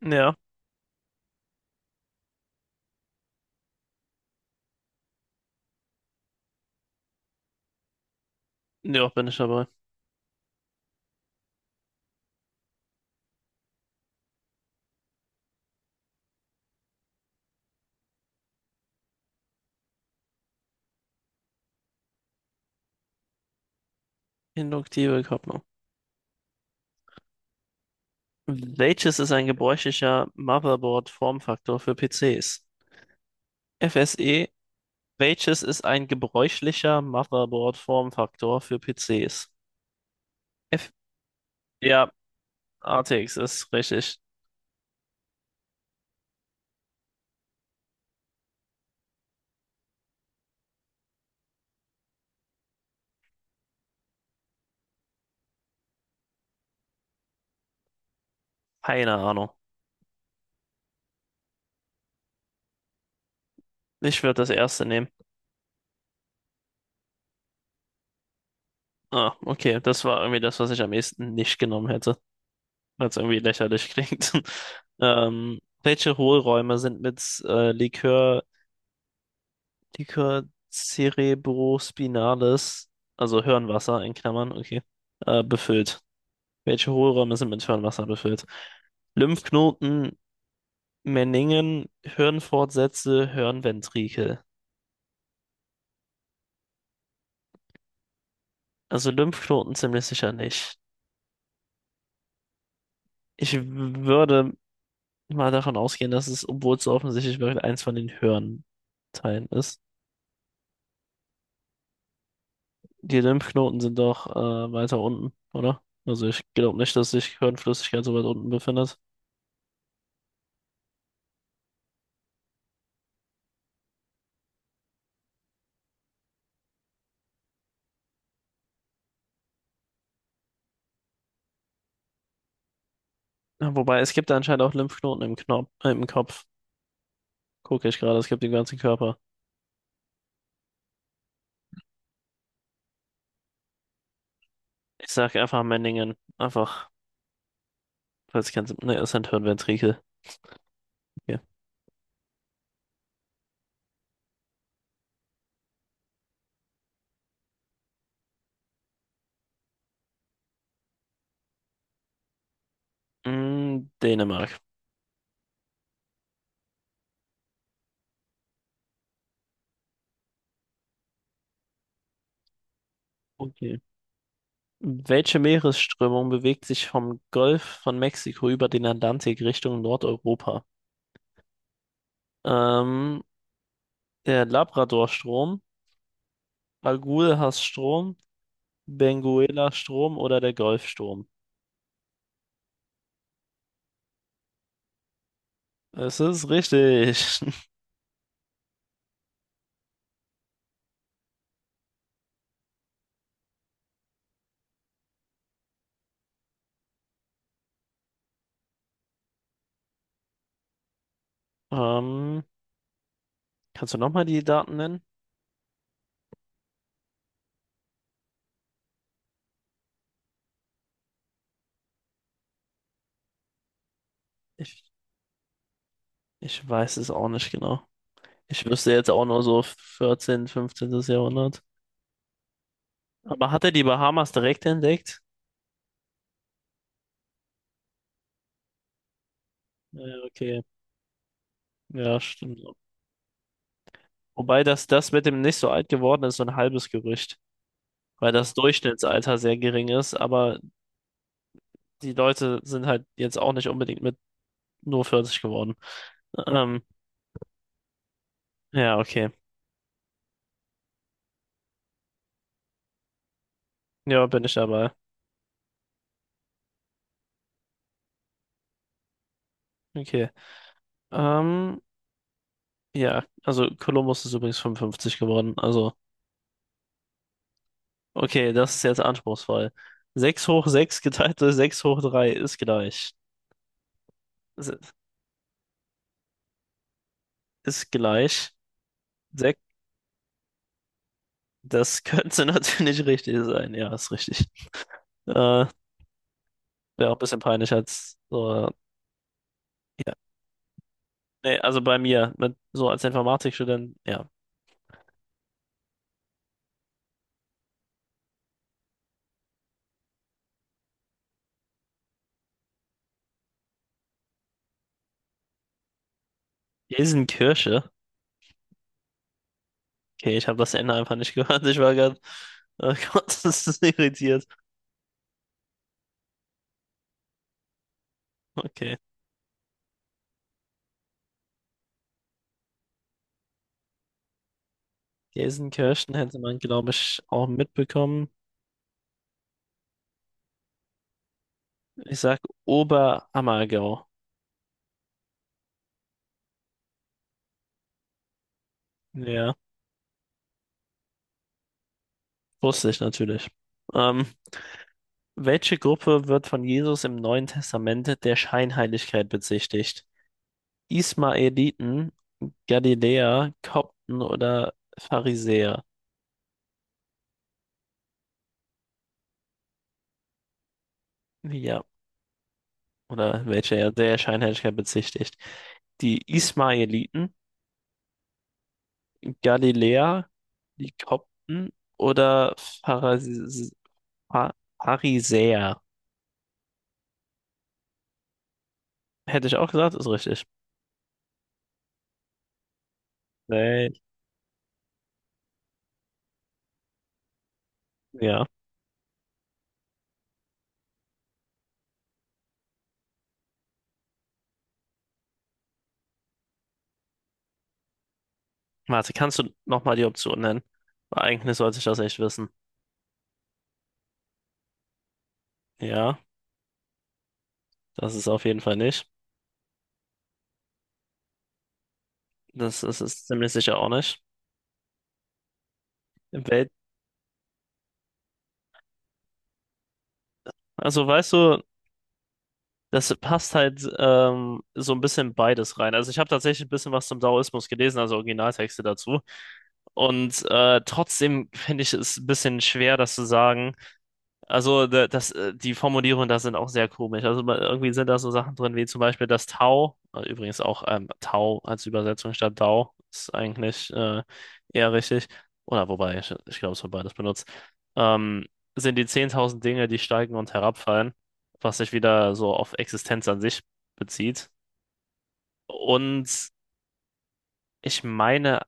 Ja, ja, bin ich dabei. Induktive Kopplung. Welches ist ein gebräuchlicher Motherboard-Formfaktor für PCs? FSE. Welches ist ein gebräuchlicher Motherboard-Formfaktor für PCs? F ja, ATX ist richtig. Keine Ahnung. Ich würde das erste nehmen. Ah, okay. Das war irgendwie das, was ich am ehesten nicht genommen hätte, weil es irgendwie lächerlich klingt. Welche Hohlräume sind mit Likör Liquor cerebrospinalis, also Hirnwasser in Klammern, okay, befüllt. Welche Hohlräume sind mit Hirnwasser befüllt? Lymphknoten, Meningen, Hirnfortsätze, Hirnventrikel. Also Lymphknoten ziemlich sicher nicht. Ich würde mal davon ausgehen, dass es, obwohl es so offensichtlich wirkt, eins von den Hirnteilen ist. Die Lymphknoten sind doch weiter unten, oder? Also ich glaube nicht, dass sich Hirnflüssigkeit so weit unten befindet. Ja, wobei, es gibt anscheinend auch Lymphknoten im Kopf. Gucke ich gerade, es gibt den ganzen Körper. Ich sag einfach Memmingen. Einfach, falls kein Sinn. Ne, es sind Hirnventrikel. Okay. Dänemark. Okay. Welche Meeresströmung bewegt sich vom Golf von Mexiko über den Atlantik Richtung Nordeuropa? Ähm, Der Labradorstrom, Agulhas-Strom, Benguela-Strom oder der Golfstrom? Es ist richtig. Ähm, Kannst du nochmal die Daten nennen? Ich Ich weiß es auch nicht genau. Ich wüsste jetzt auch nur so 14., 15. Jahrhundert. Aber hat er die Bahamas direkt entdeckt? Ja, okay. Ja, stimmt. Wobei das, das mit dem nicht so alt geworden ist, so ein halbes Gerücht. Weil das Durchschnittsalter sehr gering ist, aber die Leute sind halt jetzt auch nicht unbedingt mit nur 40 geworden. Ähm, ja, okay. Ja, bin ich dabei. Okay. Ähm, ja, also Kolumbus ist übrigens 55 geworden. Also. Okay, das ist jetzt anspruchsvoll. 6 hoch 6 geteilt durch 6 hoch 3 ist gleich. Ist ist gleich. Sechs. Das könnte natürlich richtig sein. Ja, ist richtig. Wäre auch ein bisschen peinlich als so. Ja. Nee, also bei mir, mit, so als Informatikstudent, ja. Gelsenkirche. Okay, ich habe das Ende einfach nicht gehört. Ich war gerade, oh Gott, das ist so irritiert. Okay. Gelsenkirchen hätte man, glaube ich, auch mitbekommen. Ich sag Oberammergau. Ja. Wusste ich natürlich. Ähm, Welche Gruppe wird von Jesus im Neuen Testament der Scheinheiligkeit bezichtigt? Ismaeliten, Galiläer, Kopten oder Pharisäer? Ja, oder welche er der Scheinheiligkeit bezichtigt? Die Ismaeliten, Galiläer, die Kopten oder Pharis Pha- Pharisäer? Hätte ich auch gesagt, ist richtig. Nee, ja. Warte, kannst du nochmal die Option nennen? Weil eigentlich sollte ich das echt wissen. Ja, das ist auf jeden Fall nicht. Das ist es ziemlich sicher auch nicht. Im Welt. Also weißt du, das passt halt so ein bisschen beides rein. Also ich habe tatsächlich ein bisschen was zum Daoismus gelesen, also Originaltexte dazu. Und trotzdem finde ich es ein bisschen schwer, das zu sagen. Also das, die Formulierungen da sind auch sehr komisch. Also irgendwie sind da so Sachen drin, wie zum Beispiel das Tau, übrigens auch Tau als Übersetzung statt Dau, ist eigentlich eher richtig. Oder wobei, ich glaube, es wird beides benutzt. Ähm, Sind die 10.000 Dinge, die steigen und herabfallen, was sich wieder so auf Existenz an sich bezieht. Und ich meine,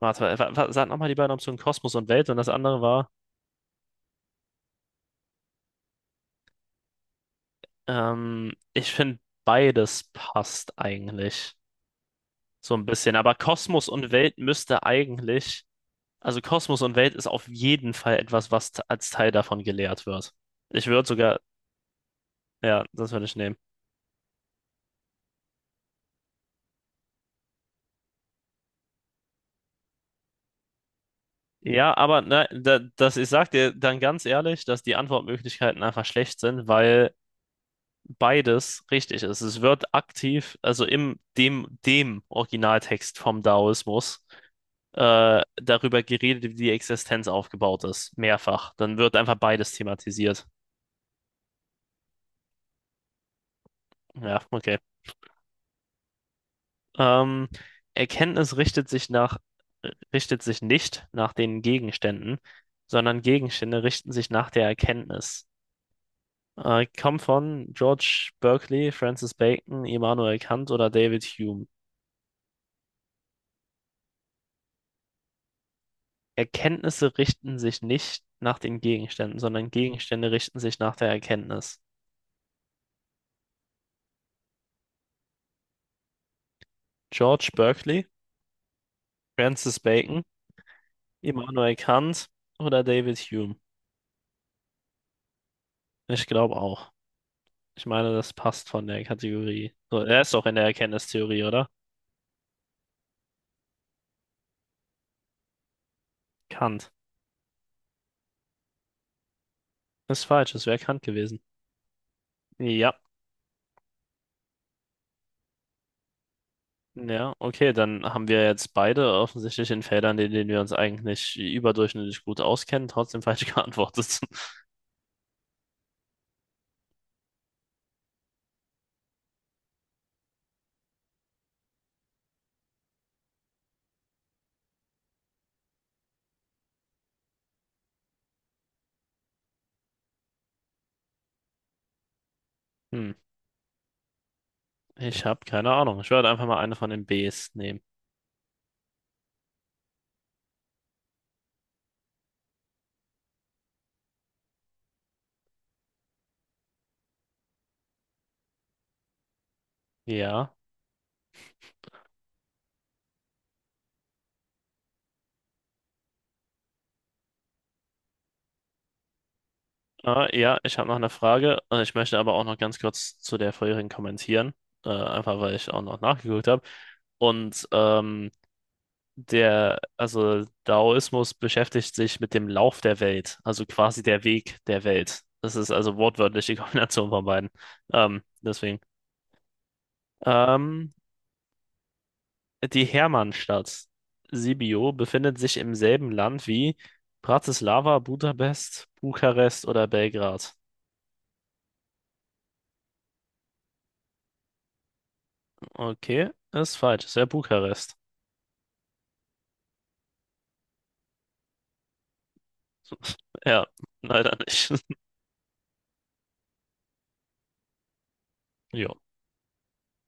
warte, sag nochmal die beiden Optionen Kosmos und Welt und das andere war, ich finde, beides passt eigentlich. So ein bisschen. Aber Kosmos und Welt müsste eigentlich, also Kosmos und Welt ist auf jeden Fall etwas, was als Teil davon gelehrt wird. Ich würde sogar, ja, das würde ich nehmen. Ja, aber ne, da, das, ich sag dir dann ganz ehrlich, dass die Antwortmöglichkeiten einfach schlecht sind, weil beides richtig ist. Es wird aktiv, also im dem Originaltext vom Daoismus, darüber geredet, wie die Existenz aufgebaut ist. Mehrfach. Dann wird einfach beides thematisiert. Ja, okay. Ähm, Erkenntnis richtet sich nicht nach den Gegenständen, sondern Gegenstände richten sich nach der Erkenntnis. Kommt von George Berkeley, Francis Bacon, Immanuel Kant oder David Hume. Erkenntnisse richten sich nicht nach den Gegenständen, sondern Gegenstände richten sich nach der Erkenntnis. George Berkeley, Francis Bacon, Immanuel Kant oder David Hume. Ich glaube auch. Ich meine, das passt von der Kategorie. So, er ist doch in der Erkenntnistheorie, oder? Kant. Ist falsch, es wäre Kant gewesen. Ja, ja, okay, dann haben wir jetzt beide offensichtlich in Feldern, in denen wir uns eigentlich überdurchschnittlich gut auskennen, trotzdem falsch geantwortet. Hm, ich habe keine Ahnung. Ich werde einfach mal eine von den Bs nehmen. Ja, ja, ich habe noch eine Frage. Ich möchte aber auch noch ganz kurz zu der vorherigen kommentieren, einfach weil ich auch noch nachgeguckt habe. Und der, also Daoismus beschäftigt sich mit dem Lauf der Welt, also quasi der Weg der Welt. Das ist also wortwörtlich die Kombination von beiden. Deswegen. Ähm, Die Hermannstadt Sibiu befindet sich im selben Land wie Bratislava, Budapest, Bukarest oder Belgrad. Okay, ist falsch. Es wäre Bukarest. Ja, leider nicht. Ja.